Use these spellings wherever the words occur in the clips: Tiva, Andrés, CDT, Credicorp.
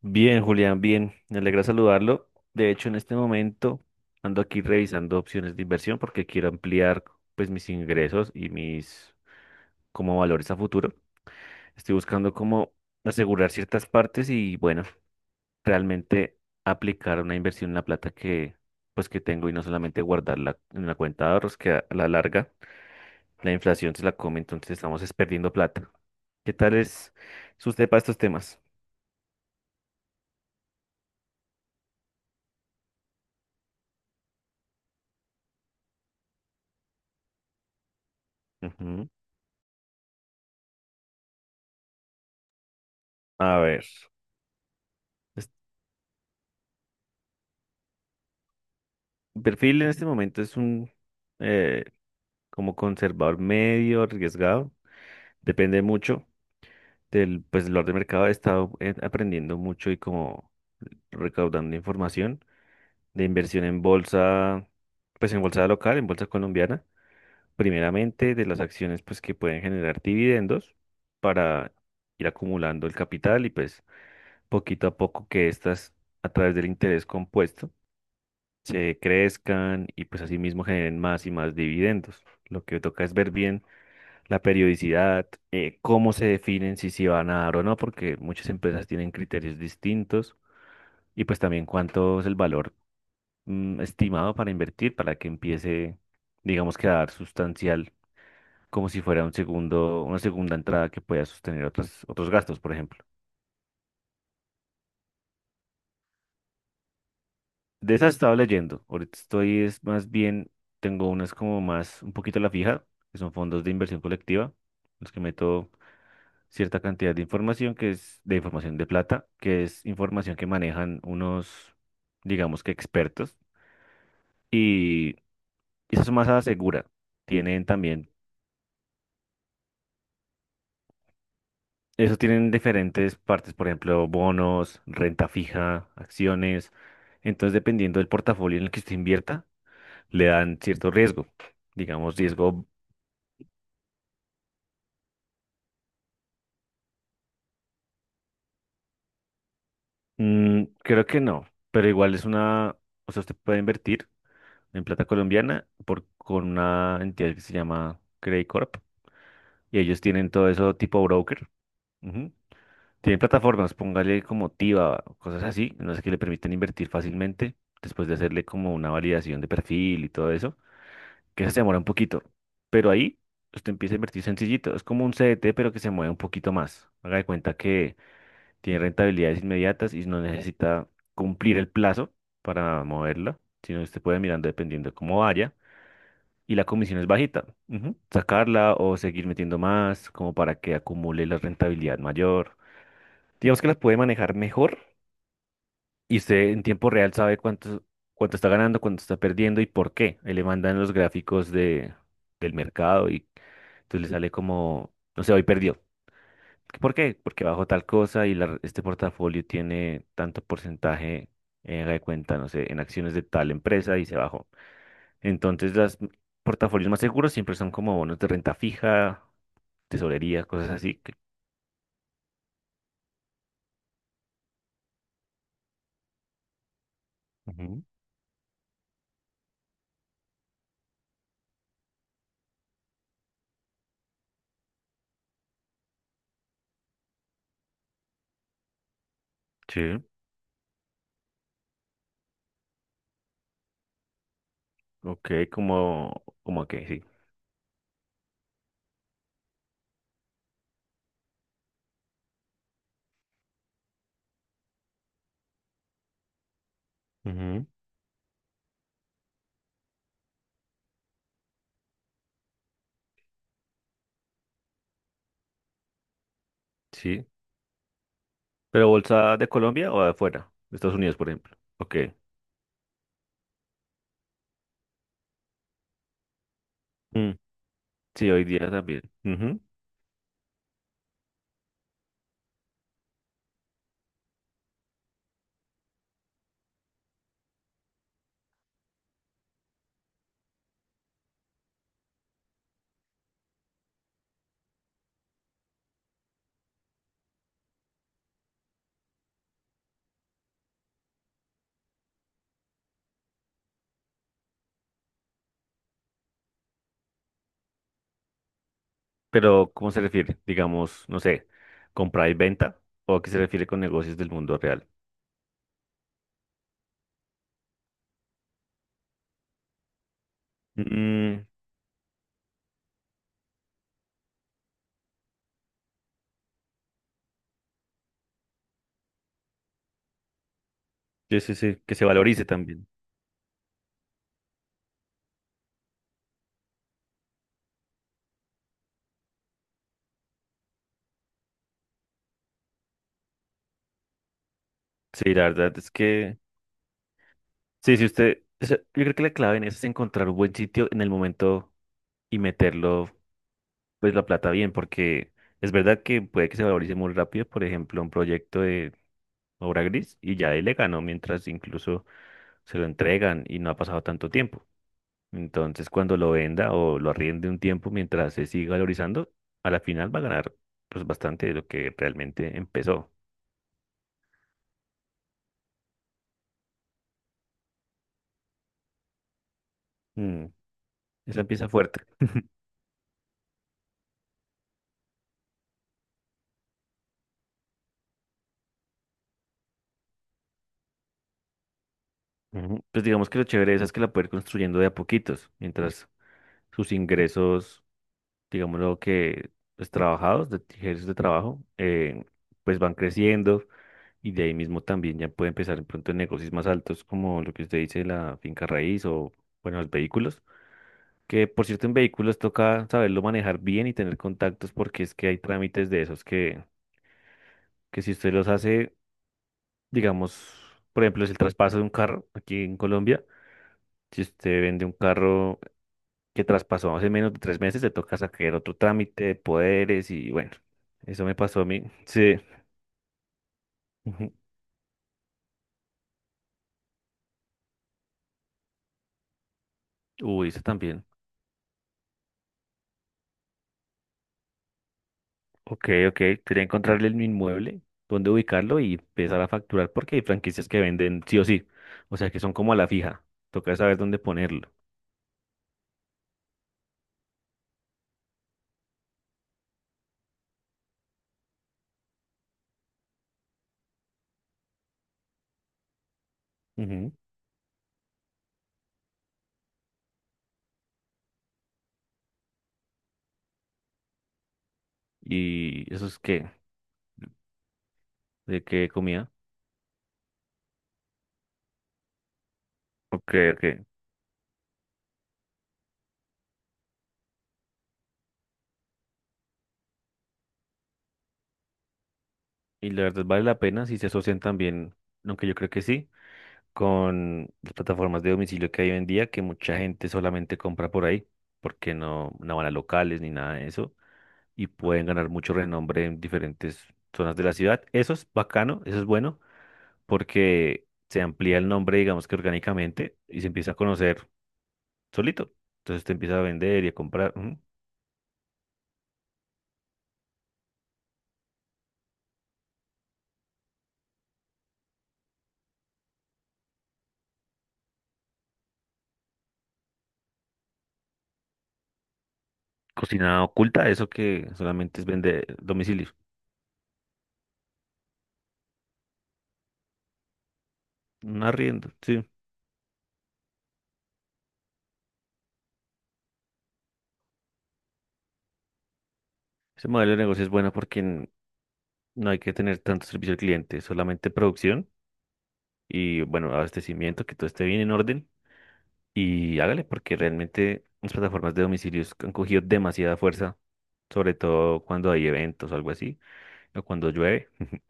Bien, Julián, bien. Me alegra saludarlo. De hecho, en este momento ando aquí revisando opciones de inversión porque quiero ampliar pues mis ingresos y mis como valores a futuro. Estoy buscando cómo asegurar ciertas partes y bueno, realmente aplicar una inversión en la plata que pues que tengo y no solamente guardarla en una cuenta de ahorros que a la larga la inflación se la come, entonces estamos es perdiendo plata. ¿Qué tal es su usted para estos temas? Ujú. A ver. Mi perfil en este momento es un eh, como conservador medio arriesgado. Depende mucho del pues, valor de mercado. He estado aprendiendo mucho y como recaudando información de inversión en bolsa, pues en bolsa local, en bolsa colombiana. Primeramente de las acciones pues que pueden generar dividendos para ir acumulando el capital y pues poquito a poco que estas a través del interés compuesto se crezcan y pues asimismo generen más y más dividendos. Lo que toca es ver bien la periodicidad, cómo se definen si se van a dar o no, porque muchas empresas tienen criterios distintos y pues también cuánto es el valor estimado para invertir para que empiece, digamos que a dar sustancial, como si fuera un segundo, una segunda entrada que pueda sostener otros gastos, por ejemplo. De esas estaba leyendo. Ahorita estoy, es más bien, tengo unas como más, un poquito a la fija, que son fondos de inversión colectiva, los que meto cierta cantidad de información, que es de información de plata, que es información que manejan unos, digamos que expertos, y esas son más a la segura. Tienen también, eso tienen diferentes partes, por ejemplo, bonos, renta fija, acciones. Entonces, dependiendo del portafolio en el que usted invierta, le dan cierto riesgo digamos, riesgo. Mm, creo que no, pero igual es una, o sea, usted puede invertir en plata colombiana por, con una entidad que se llama Credicorp y ellos tienen todo eso tipo broker. Ujú. Tienen plataformas, póngale como Tiva, cosas así, no sé, que le permiten invertir fácilmente después de hacerle como una validación de perfil y todo eso, que eso se demora un poquito, pero ahí usted empieza a invertir sencillito, es como un CDT pero que se mueve un poquito más. Haga de cuenta que tiene rentabilidades inmediatas y no necesita cumplir el plazo para moverla, sino que usted puede mirando dependiendo de cómo vaya. Y la comisión es bajita. Ujú. Sacarla o seguir metiendo más, como para que acumule la rentabilidad mayor. Digamos que las puede manejar mejor y usted en tiempo real sabe cuánto, cuánto está ganando, cuánto está perdiendo y por qué. Ahí le mandan los gráficos de, del mercado y entonces le sale como, no sé, hoy perdió. ¿Por qué? Porque bajo tal cosa y este portafolio tiene tanto porcentaje, haga de cuenta, no sé, en acciones de tal empresa y se bajó. Entonces, los portafolios más seguros siempre son como bonos de renta fija, tesorería, cosas así. Que- Ujú. Sí, ok, como, como que sí. Ujú. Sí. ¿Pero bolsa de Colombia o de afuera? De Estados Unidos, por ejemplo. Ok. Mm. Sí, hoy día también. Ujú. Pero, ¿cómo se refiere? Digamos, no sé, compra y venta, o a qué se refiere con negocios del mundo real. Mm, sí, sí, sí, que se valorice también. Sí, la verdad es que, sí, sí, usted, o sea, yo creo que la clave en eso es encontrar un buen sitio en el momento y meterlo, pues, la plata bien, porque es verdad que puede que se valorice muy rápido, por ejemplo, un proyecto de obra gris y ya él le ganó mientras incluso se lo entregan y no ha pasado tanto tiempo. Entonces, cuando lo venda o lo arriende un tiempo mientras se siga valorizando, a la final va a ganar pues bastante de lo que realmente empezó. Mm, esa empieza fuerte. Ujú. Pues digamos que lo chévere de esa es que la puede ir construyendo de a poquitos, mientras sus ingresos, digamos lo que pues, trabajados, de ingresos de trabajo, pues van creciendo y de ahí mismo también ya puede empezar de pronto en negocios más altos como lo que usted dice, la finca raíz o, bueno, los vehículos. Que por cierto, en vehículos toca saberlo manejar bien y tener contactos porque es que hay trámites de esos que si usted los hace, digamos, por ejemplo, es el traspaso de un carro aquí en Colombia. Si usted vende un carro que traspasó hace menos de 3 meses, le toca sacar otro trámite de poderes y bueno, eso me pasó a mí. Sí. Ujú. Uy, eso también. Ok, ok. Quería encontrarle el inmueble, dónde ubicarlo y empezar a facturar porque hay franquicias que venden sí o sí. O sea que son como a la fija. Toca saber dónde ponerlo. ¿Y eso es qué? ¿De qué comida? Ok, ok. Y la verdad vale la pena si se asocian también, aunque yo creo que sí, con las plataformas de domicilio que hay hoy en día, que mucha gente solamente compra por ahí, porque no, no van a locales ni nada de eso, y pueden ganar mucho renombre en diferentes zonas de la ciudad. Eso es bacano, eso es bueno, porque se amplía el nombre, digamos que orgánicamente, y se empieza a conocer solito. Entonces te empieza a vender y a comprar. Cocina oculta, eso que solamente es vender domicilio. Un arriendo sí. Ese modelo de negocio es bueno porque no hay que tener tanto servicio al cliente, solamente producción y, bueno, abastecimiento, que todo esté bien en orden. Y hágale, porque realmente las plataformas de domicilios han cogido demasiada fuerza, sobre todo cuando hay eventos o algo así, o cuando llueve.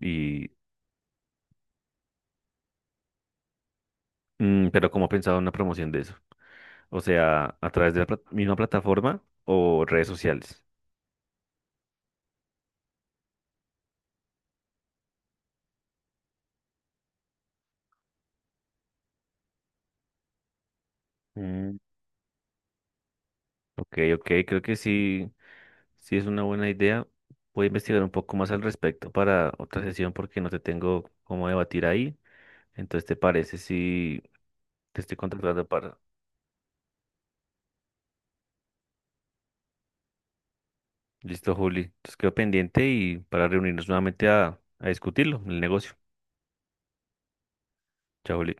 Y, pero ¿cómo ha pensado una promoción de eso? O sea, a través de la misma plataforma o redes sociales. Ok, ok, creo que sí, sí es una buena idea. Voy a investigar un poco más al respecto para otra sesión porque no te tengo cómo debatir ahí. Entonces, ¿te parece si te estoy contratando para... Listo, Juli. Entonces quedo pendiente y para reunirnos nuevamente a discutirlo, el negocio. Chao, Juli.